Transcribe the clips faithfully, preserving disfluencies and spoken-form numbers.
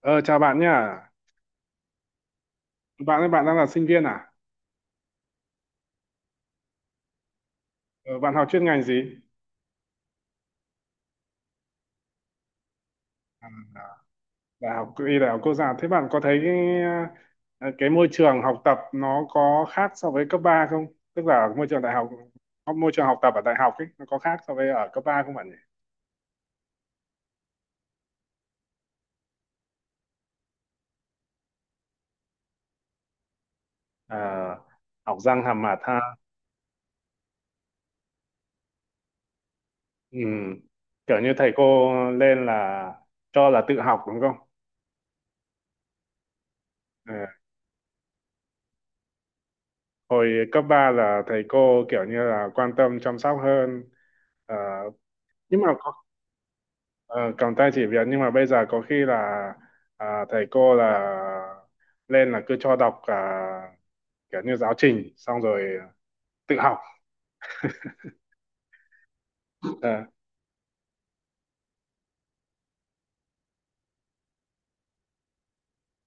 Ờ, Chào bạn nhá. Bạn ơi, bạn đang là sinh viên à? Ờ, Bạn học chuyên ngành gì? À, Đại học Y, Đại học Quốc gia. Thế bạn có thấy cái, ờ, cái môi trường học tập nó có khác so với cấp ba không? Tức là môi trường đại học, môi trường học tập ở đại học ấy, nó có khác so với ở cấp ba không bạn nhỉ? Ờ, Học răng hàm mặt ha. Ừ. Kiểu như thầy cô lên là cho là tự học đúng không? Ờ. Hồi cấp ba là thầy cô kiểu như là quan tâm chăm sóc hơn. Ờ, nhưng mà Ờ, cầm tay chỉ việc nhưng mà bây giờ có khi là à, thầy cô là lên là cứ cho đọc cả kiểu như giáo trình xong rồi tự học. Ờ,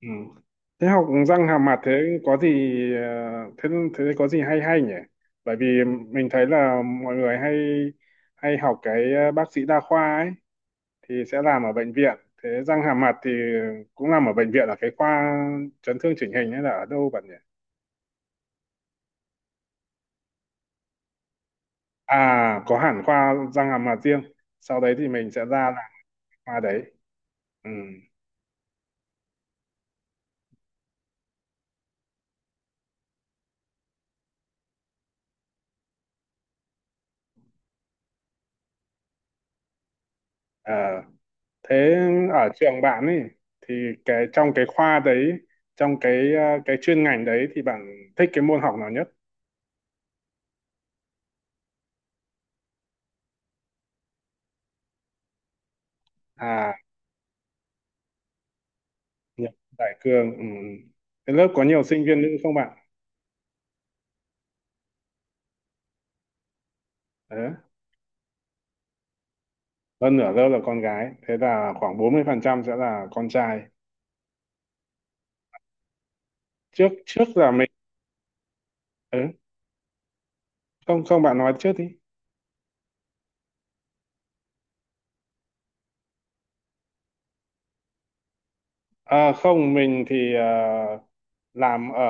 ừ. Thế học răng hàm mặt thế có gì, ờ, thế thế có gì hay hay nhỉ, bởi vì mình thấy là mọi người hay hay học cái ờ, bác sĩ đa khoa ấy thì sẽ làm ở bệnh viện. Thế răng hàm mặt thì cũng làm ở bệnh viện là cái khoa chấn thương chỉnh hình hay là ở đâu bạn nhỉ? À, có hẳn khoa răng hàm mặt riêng, sau đấy thì mình sẽ ra làm khoa đấy. Ừ. Ờ, Thế ở trường bạn ấy thì cái trong cái khoa đấy trong cái ờ, cái chuyên ngành đấy thì bạn thích cái môn học nào nhất? À, nhập đại cương. Ừ. Cái lớp có nhiều sinh viên nữ không bạn? Ờ, Hơn nửa lớp là con gái, thế là khoảng bốn mươi phần trăm sẽ là con trai. Trước trước là mình ừ. Không không, bạn nói trước đi. À, không, mình thì ờ, làm ở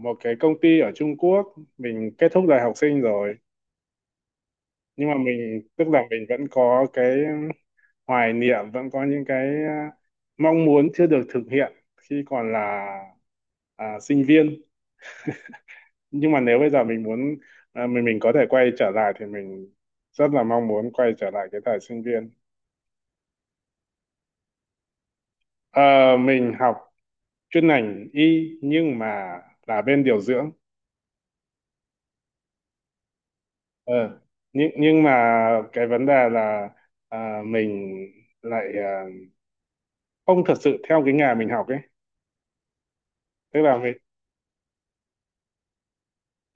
một cái công ty ở Trung Quốc. Mình kết thúc đời học sinh rồi. Nhưng mà mình, tức là mình vẫn có cái hoài niệm, vẫn có những cái ờ, mong muốn chưa được thực hiện khi còn là à, sinh viên. Nhưng mà nếu bây giờ mình muốn, à, mình mình có thể quay trở lại thì mình rất là mong muốn quay trở lại cái thời sinh viên. Ờ, mình học chuyên ngành y nhưng mà là bên điều dưỡng. Ờ, nhưng nhưng mà cái vấn đề là à, mình lại à, không thật sự theo cái nghề mình học ấy, tức là mình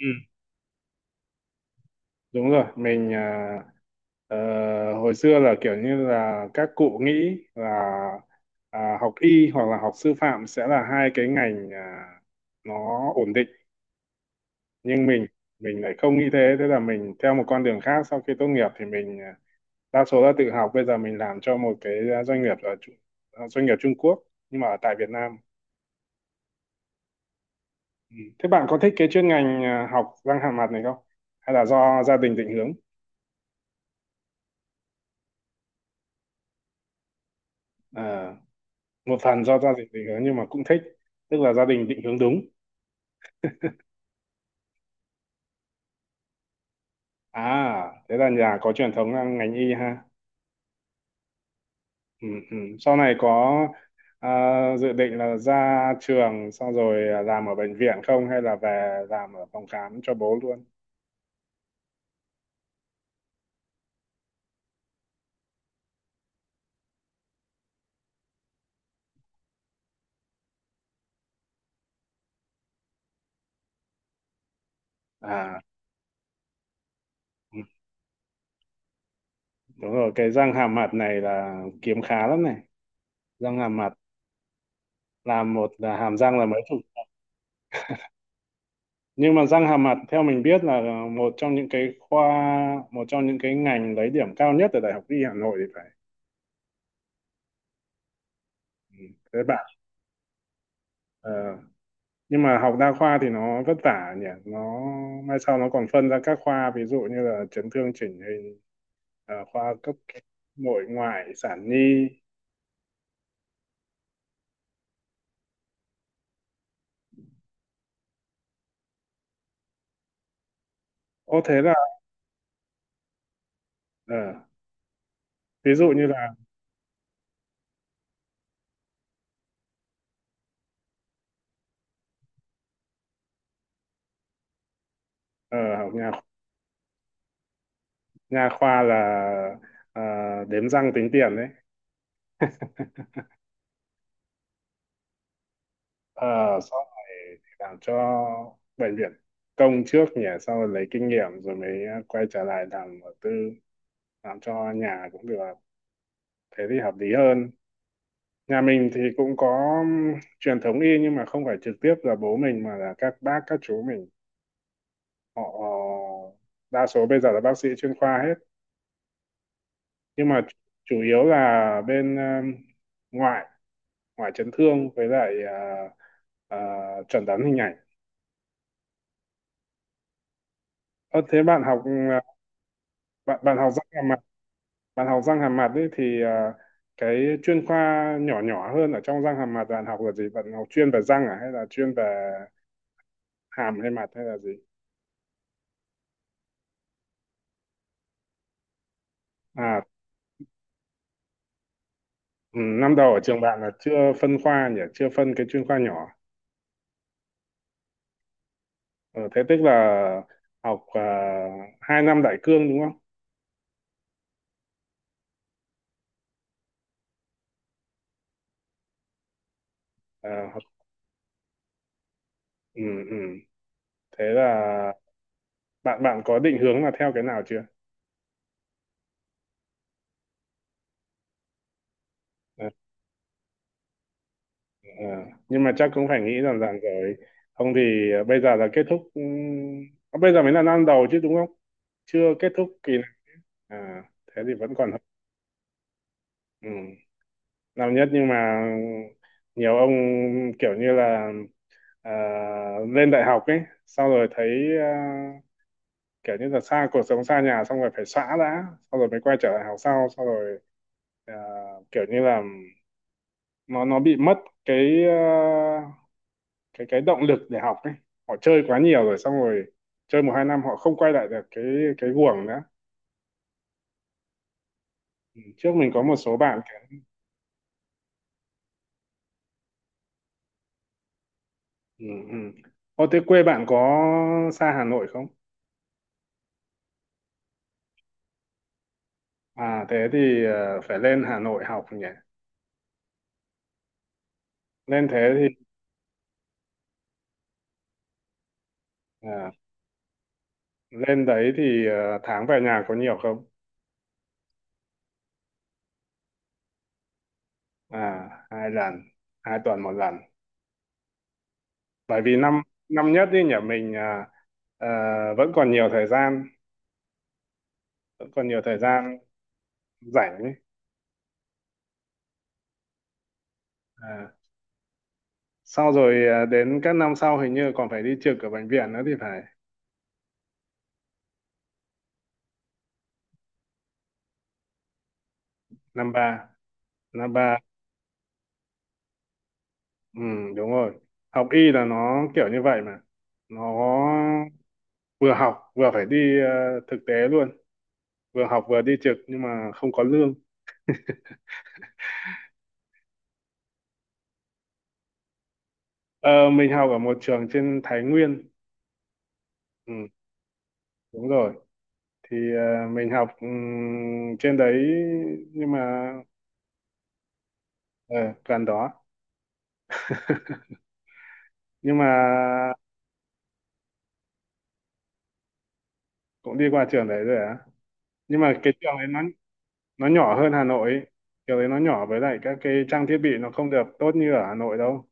ừ, đúng rồi. Mình à, ờ, hồi xưa là kiểu như là các cụ nghĩ là à, học y hoặc là học sư phạm sẽ là hai cái ngành à, nó ổn định, nhưng mình mình lại không nghĩ thế. Thế là mình theo một con đường khác, sau khi tốt nghiệp thì mình à, đa số là tự học. Bây giờ mình làm cho một cái à, doanh nghiệp ở Trung- ờ, doanh nghiệp Trung Quốc nhưng mà ở tại Việt Nam. Ừ. Thế bạn có thích cái chuyên ngành à, học răng hàm mặt này không, hay là do gia đình định hướng? À, một phần do gia đình định hướng nhưng mà cũng thích, tức là gia đình định hướng đúng. À thế là nhà có truyền thống là ngành y ha. Ừ, ừ. Sau này có à, dự định là ra trường xong rồi à, làm ở bệnh viện không, hay là về làm ở phòng khám cho bố luôn? À, ừ. Đúng rồi, cái răng hàm mặt này là kiếm khá lắm này. Răng hàm mặt làm một là hàm răng là mấy chục. Nhưng mà răng hàm mặt theo mình biết là một trong những cái khoa, một trong những cái ngành lấy điểm cao nhất ở Đại học Y Hà Nội thì phải. Ừ, thế bạn. Ờ. Nhưng mà học đa khoa thì nó vất vả nhỉ. Nó mai sau nó còn phân ra các khoa, ví dụ như là chấn thương chỉnh hình, ờ, khoa cấp nội ngoại sản nhi. Ô thế là ờ, ví dụ như là ờ, học nhà, nha khoa là ờ, đếm răng tính tiền đấy. Ờ, Sau này thì làm cho bệnh viện công trước nhỉ, sau rồi lấy kinh nghiệm rồi mới ờ, quay trở lại làm ở tư, làm cho nhà cũng được, thế thì hợp lý hơn. Nhà mình thì cũng có truyền thống y, nhưng mà không phải trực tiếp là bố mình mà là các bác các chú mình, họ đa số bây giờ là bác sĩ chuyên khoa hết. Nhưng mà chủ yếu là bên ờ, ngoại, ngoài chấn thương với lại à, à, chuẩn đoán hình ảnh. Ờ, thế bạn học à, bạn bạn học răng hàm mặt, bạn học răng hàm mặt ấy thì à, cái chuyên khoa nhỏ nhỏ hơn ở trong răng hàm mặt bạn học là gì? Bạn học chuyên về răng à, hay là chuyên về hàm hay mặt hay là gì? À, ừ, năm đầu ở trường bạn là chưa phân khoa nhỉ, chưa phân cái chuyên khoa nhỏ. Ờ, Thế tức là học à, hai năm đại cương đúng không? Ờ, học, ừ, ừ. Thế là bạn bạn có định hướng là theo cái nào chưa? Ờ, ờ, nhưng mà chắc cũng phải nghĩ rằng rằng rồi, không thì ờ, bây giờ là kết thúc ừm, à, bây giờ mới là năm đầu chứ đúng không, chưa kết thúc kỳ này. À, thế thì vẫn còn hơn. Ừ, năm nhất nhưng mà nhiều ông kiểu như là ờ, lên đại học ấy, sau rồi thấy ờ, kiểu như là xa cuộc sống xa nhà xong rồi phải xóa đã, sau rồi mới quay trở lại học, sau sau rồi ờ, kiểu như là nó nó bị mất cái ờ, cái cái động lực để học ấy. Họ chơi quá nhiều rồi, xong rồi chơi một hai năm họ không quay lại được cái cái guồng nữa. Ừ. trước mình có một số bạn kể- Ừ, ừ. Ô, thế quê bạn có xa Hà Nội không? À thế thì ờ, phải lên Hà Nội học nhỉ. Lên thế thì à, lên đấy thì ờ, tháng về nhà có nhiều không? À, hai lần. Hai tuần một lần, bởi vì năm năm nhất đi nhỉ, mình à, ờ, vẫn còn nhiều thời gian, vẫn còn nhiều thời gian rảnh ấy. À, sau rồi à, đến các năm sau hình như còn phải đi trực ở bệnh viện nữa thì phải. Năm ba, năm ba. Ừ, đúng rồi, học y là nó kiểu như vậy mà. Nó vừa học vừa phải đi ờ, thực tế luôn, vừa học vừa đi trực nhưng mà không có lương. Ờ, mình học ở một trường trên Thái Nguyên. Ừ, đúng rồi, thì ờ, mình học ừm, trên đấy nhưng mà ờ, gần đó. Nhưng mà cũng đi qua trường đấy rồi á. Nhưng mà cái trường đấy nó nó nhỏ hơn Hà Nội ấy. Kiểu đấy nó nhỏ, với lại các cái trang thiết bị nó không được tốt như ở Hà Nội đâu.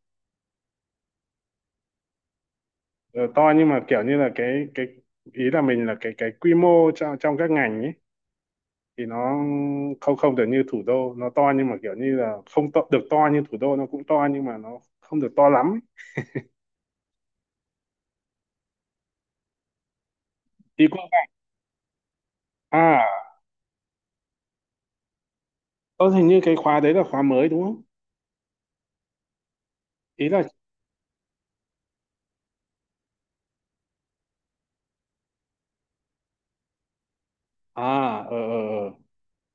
Ờ, to nhưng mà kiểu như là cái cái ý là mình là cái cái quy mô trong trong các ngành ấy thì nó không, không được như thủ đô. Nó to nhưng mà kiểu như là không to, được to như thủ đô. Nó cũng to nhưng mà nó không được to lắm ấy. Ý cô, à có hình như cái khóa đấy là khóa mới đúng không, ý là à, ờ ờ ờ.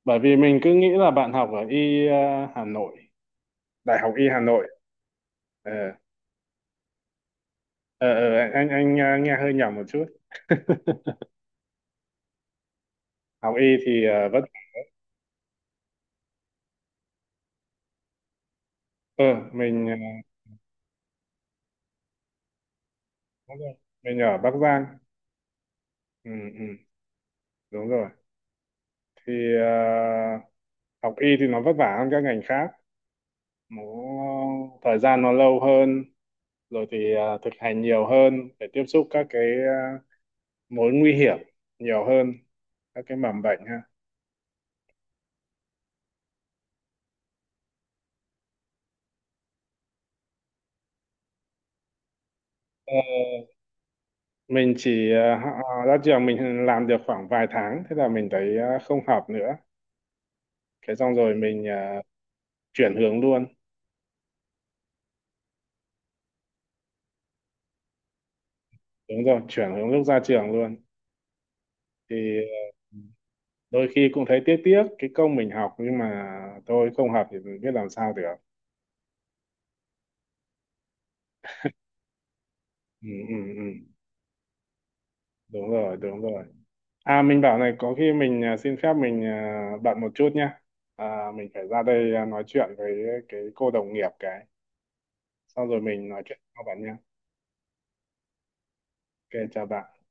Bởi vì mình cứ nghĩ là bạn học ở y ờ, Hà Nội, Đại học y Hà Nội. Ờ. ờ ờ, anh anh ờ, nghe hơi nhỏ một chút. Học y thì ờ, vẫn ờ. Mình ờ, đúng rồi. Mình ở Bắc Giang. Ừ, ừ, đúng rồi, thì ờ, học y thì nó vất vả hơn các ngành khác. Nó thời gian nó lâu hơn, rồi thì ờ, thực hành nhiều hơn để tiếp xúc các cái ờ, mối nguy hiểm nhiều hơn, các cái mầm bệnh ha. Ờ, mình chỉ ờ, họ- ờ, ra trường mình làm được khoảng vài tháng, thế là mình thấy ờ, không hợp nữa. Thế xong rồi mình à, chuyển hướng luôn. Đúng rồi, chuyển hướng lúc ra trường luôn. Thì ờ, đôi khi cũng thấy tiếc tiếc cái công mình học, nhưng mà thôi không hợp thì mình biết làm sao được. Ừ, ừ, ừ. Đúng rồi, đúng rồi. À mình bảo này, có khi mình à, xin phép, mình à, bận một chút nhá. À, mình phải ra đây à, nói chuyện với cái cô đồng nghiệp cái, xong rồi mình nói chuyện sau bạn nhá. Ok chào bạn.